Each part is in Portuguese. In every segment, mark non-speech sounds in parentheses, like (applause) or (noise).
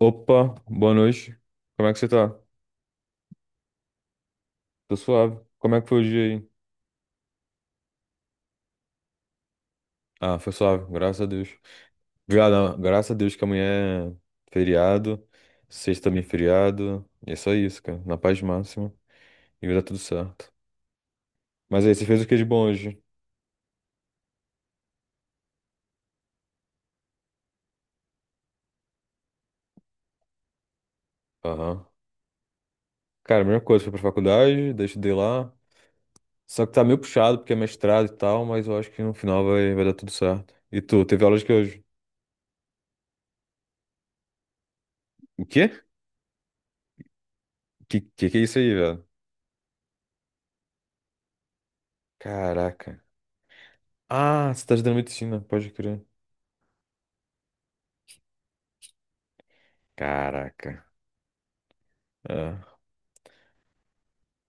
Opa, boa noite. Como é que você tá? Tô suave. Como é que foi o dia aí? Ah, foi suave, graças a Deus. Obrigado, ah, graças a Deus que amanhã é feriado, sexta também é feriado. E é só isso, cara. Na paz máxima. E vai dar tudo certo. Mas aí, você fez o que de bom hoje? Aham. Cara, a mesma coisa, fui pra faculdade, daí estudei lá. Só que tá meio puxado porque é mestrado e tal, mas eu acho que no final vai dar tudo certo. E tu, teve aula de que hoje? O quê? Que que é isso aí, velho? Caraca. Ah, você tá estudando medicina, pode crer. Caraca. É.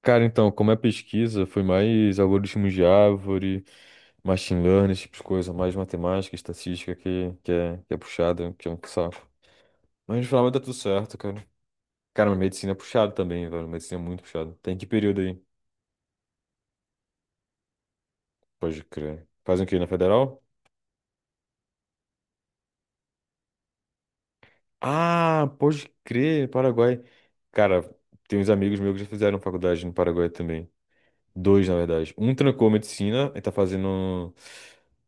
Cara, então, como é pesquisa, foi mais algoritmos de árvore, machine learning, esse tipo de coisa, mais matemática, estatística que é puxada, que é um saco. Mas no final dá tudo certo, cara. Cara, mas medicina é puxado também, velho. Medicina é muito puxado. Tem que período aí? Pode crer. Fazem o quê? Na federal? Ah, pode crer, Paraguai. Cara, tem uns amigos meus que já fizeram faculdade no Paraguai também. Dois, na verdade. Um trancou medicina e tá fazendo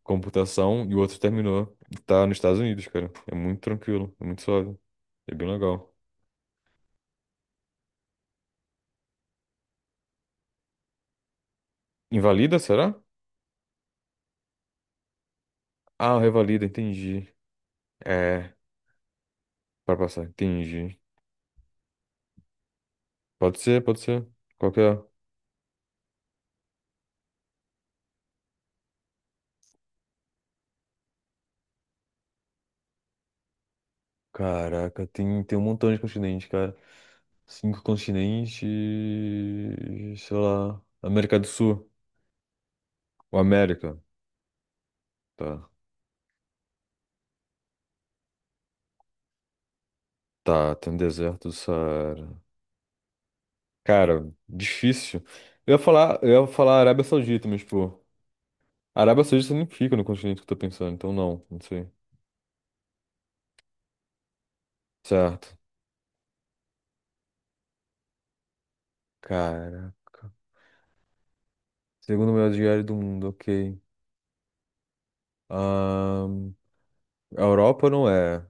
computação e o outro terminou. E Tá nos Estados Unidos, cara. É muito tranquilo, é muito suave. É bem legal. Invalida, será? Ah, revalida, entendi. É, pra passar, entendi. Pode ser, pode ser. Qual que é? Caraca, tem um montão de continentes, cara. Cinco continentes, sei lá. América do Sul. O América. Tá. Tá, tem um deserto do Saara. Cara, difícil. Eu ia falar Arábia Saudita, mas, pô, Arábia Saudita não fica no continente que eu tô pensando, então não, não sei. Certo. Caraca. Segundo maior diário do mundo, ok. Ahn, a Europa não é.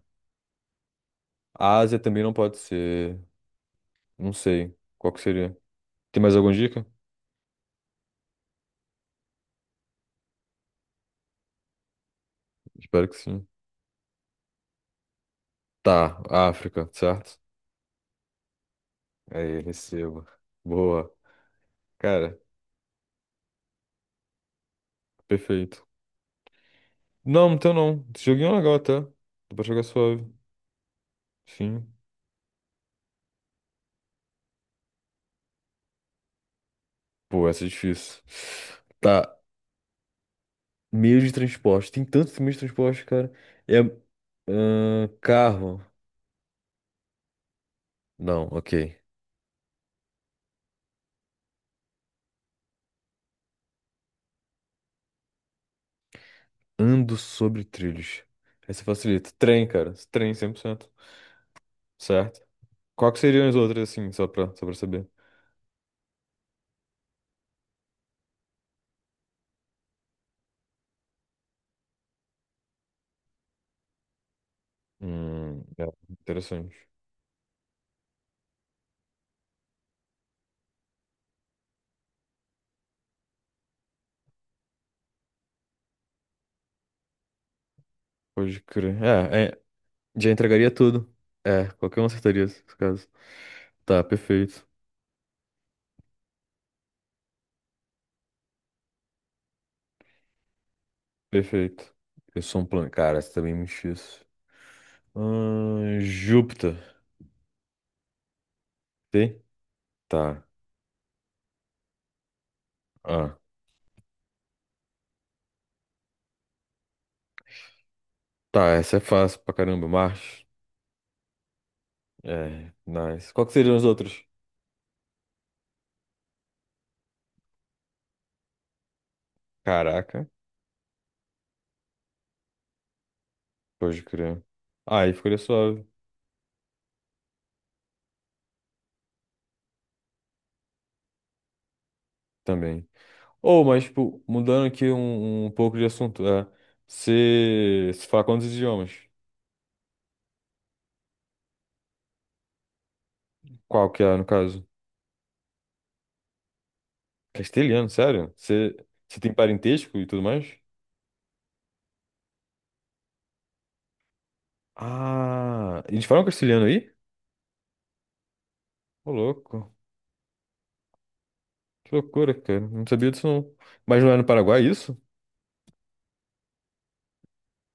A Ásia também não pode ser. Não sei. Qual que seria? Tem mais alguma dica? Espero que sim. Tá, África, certo? Aí, recebo. Boa. Cara, perfeito. Não, então não. Esse joguinho é legal até. Dá pra jogar suave. Sim. Pô, essa é difícil. Tá, meio de transporte. Tem tantos meios de transporte, cara. É. Carro. Não, ok. Ando sobre trilhos. Essa facilita. Trem, cara. Trem 100%. Certo? Qual que seriam as outras, assim, só pra saber? É, interessante. Pode crer. É, é, já entregaria tudo. É, qualquer um acertaria nesse caso. Tá, perfeito. Perfeito. Eu sou um plano. Cara, essa também é muito difícil. Júpiter. Tá. Ah. Tá, essa é fácil pra caramba, Marte. É, nice. Qual que seriam os outros? Caraca, pode crer. Ah, aí ficaria suave também. Ou, mas, tipo, mudando aqui um pouco de assunto. É, você fala quantos idiomas? Qual que é, no caso? Castelhano, sério? Você tem parentesco e tudo mais? Ah, eles falam castelhano aí? Ô, louco. Que loucura, cara. Não sabia disso, não. Mas não é no Paraguai é isso?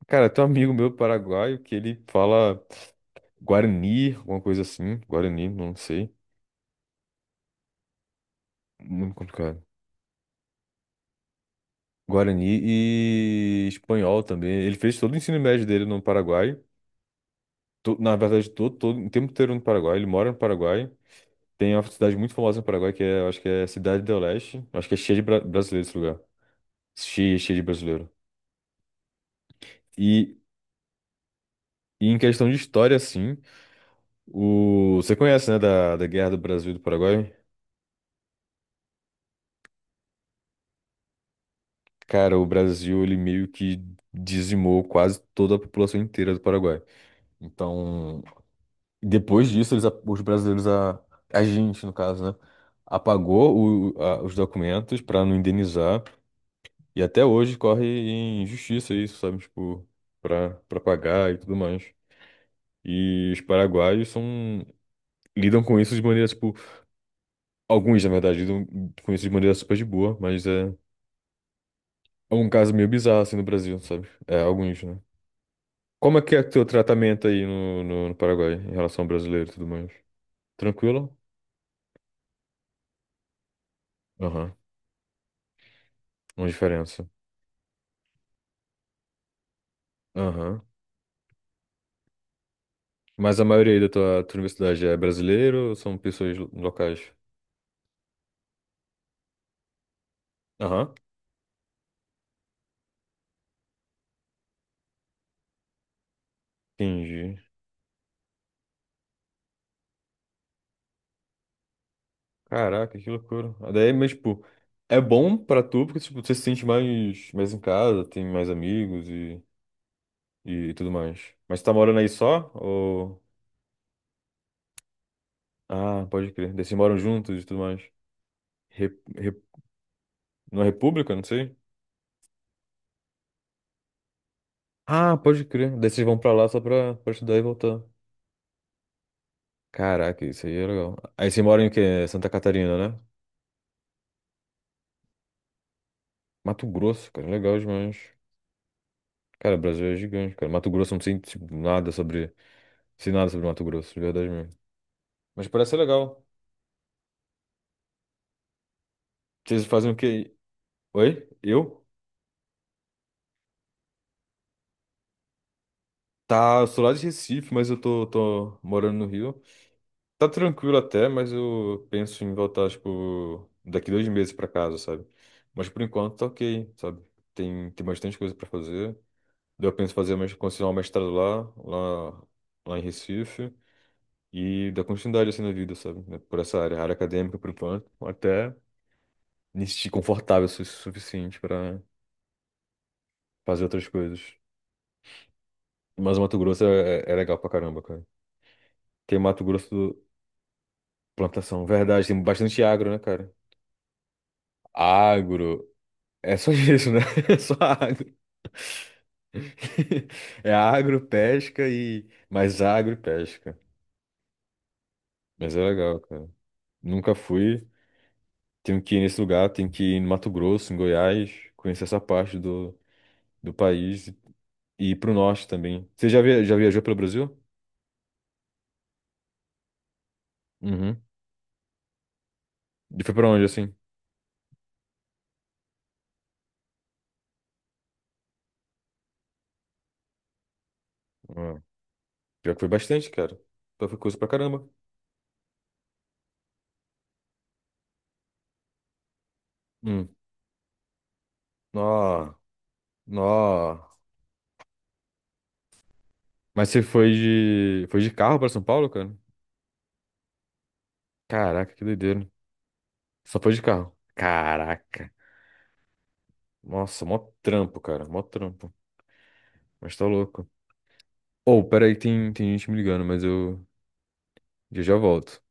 Cara, tem um amigo meu paraguaio que ele fala Guarani, alguma coisa assim. Guarani, não sei. Muito complicado. Guarani e espanhol também. Ele fez todo o ensino médio dele no Paraguai. Na verdade, todo o tempo inteiro no Paraguai. Ele mora no Paraguai. Tem uma cidade muito famosa no Paraguai que é, eu acho que é Cidade do Leste. Acho que é cheia de brasileiros esse lugar. Cheia, cheia de brasileiro. E, e em questão de história, assim, você conhece, né, da Guerra do Brasil e do Paraguai? Cara, o Brasil, ele meio que dizimou quase toda a população inteira do Paraguai. Então, depois disso, eles, os brasileiros, a gente, no caso, né, apagou os documentos pra não indenizar. E até hoje corre em justiça isso, sabe? Tipo, pra pagar e tudo mais. E os paraguaios são, lidam com isso de maneira, tipo, alguns, na verdade, lidam com isso de maneira super de boa, mas é um caso meio bizarro, assim, no Brasil, sabe? É, alguns, né? Como é que é o teu tratamento aí no Paraguai, em relação ao brasileiro e tudo mais? Tranquilo? Aham. Uma diferença. Aham. Mas a maioria aí da tua universidade é brasileiro ou são pessoas locais? Aham. Entendi. Caraca, que loucura. Daí, mas, tipo, é bom pra tu porque, tipo, você se sente mais em casa, tem mais amigos e tudo mais. Mas tu tá morando aí só? Ou. Ah, pode crer. Daí vocês moram juntos e tudo mais. Re, re, Numa república, não sei. Ah, pode crer. Daí vocês vão pra lá só pra estudar e voltar. Caraca, isso aí é legal. Aí você mora em quê? Santa Catarina, né? Mato Grosso, cara, legal demais. Cara, o Brasil é gigante, cara. Mato Grosso eu não sei, tipo, nada sobre. Sei nada sobre Mato Grosso, de verdade mesmo. Mas parece ser legal. Vocês fazem o quê? Aí? Oi? Eu? Tá, eu sou lá de Recife, mas eu tô morando no Rio. Tá tranquilo até, mas eu penso em voltar, tipo, daqui 2 meses pra casa, sabe? Mas por enquanto tá ok, sabe? Tem bastante coisa pra fazer. Daí eu penso em fazer, continuar o mestrado lá em Recife, e dar continuidade assim na vida, sabe? Né, Por essa área, área acadêmica, por enquanto, até me sentir confortável o suficiente para fazer outras coisas. Mas o Mato Grosso é legal pra caramba, cara. Tem Mato Grosso plantação, verdade, tem bastante agro, né, cara? Agro, é só isso, né? (laughs) É só agro. (laughs) É agro, pesca e mais agro e pesca. Mas é legal, cara. Nunca fui. Tenho que ir nesse lugar, tenho que ir no Mato Grosso, em Goiás, conhecer essa parte do país e ir pro norte também. Você já viajou pelo Brasil? Uhum. E foi pra onde, assim? Ah, pior que foi bastante, cara. Então foi coisa pra caramba. Hum. Nó, nó. Mas você foi de carro pra São Paulo, cara? Caraca, que doideira. Só foi de carro. Caraca. Nossa, mó trampo, cara. Mó trampo. Mas tá louco. Ô, peraí, tem gente me ligando, mas eu já já volto.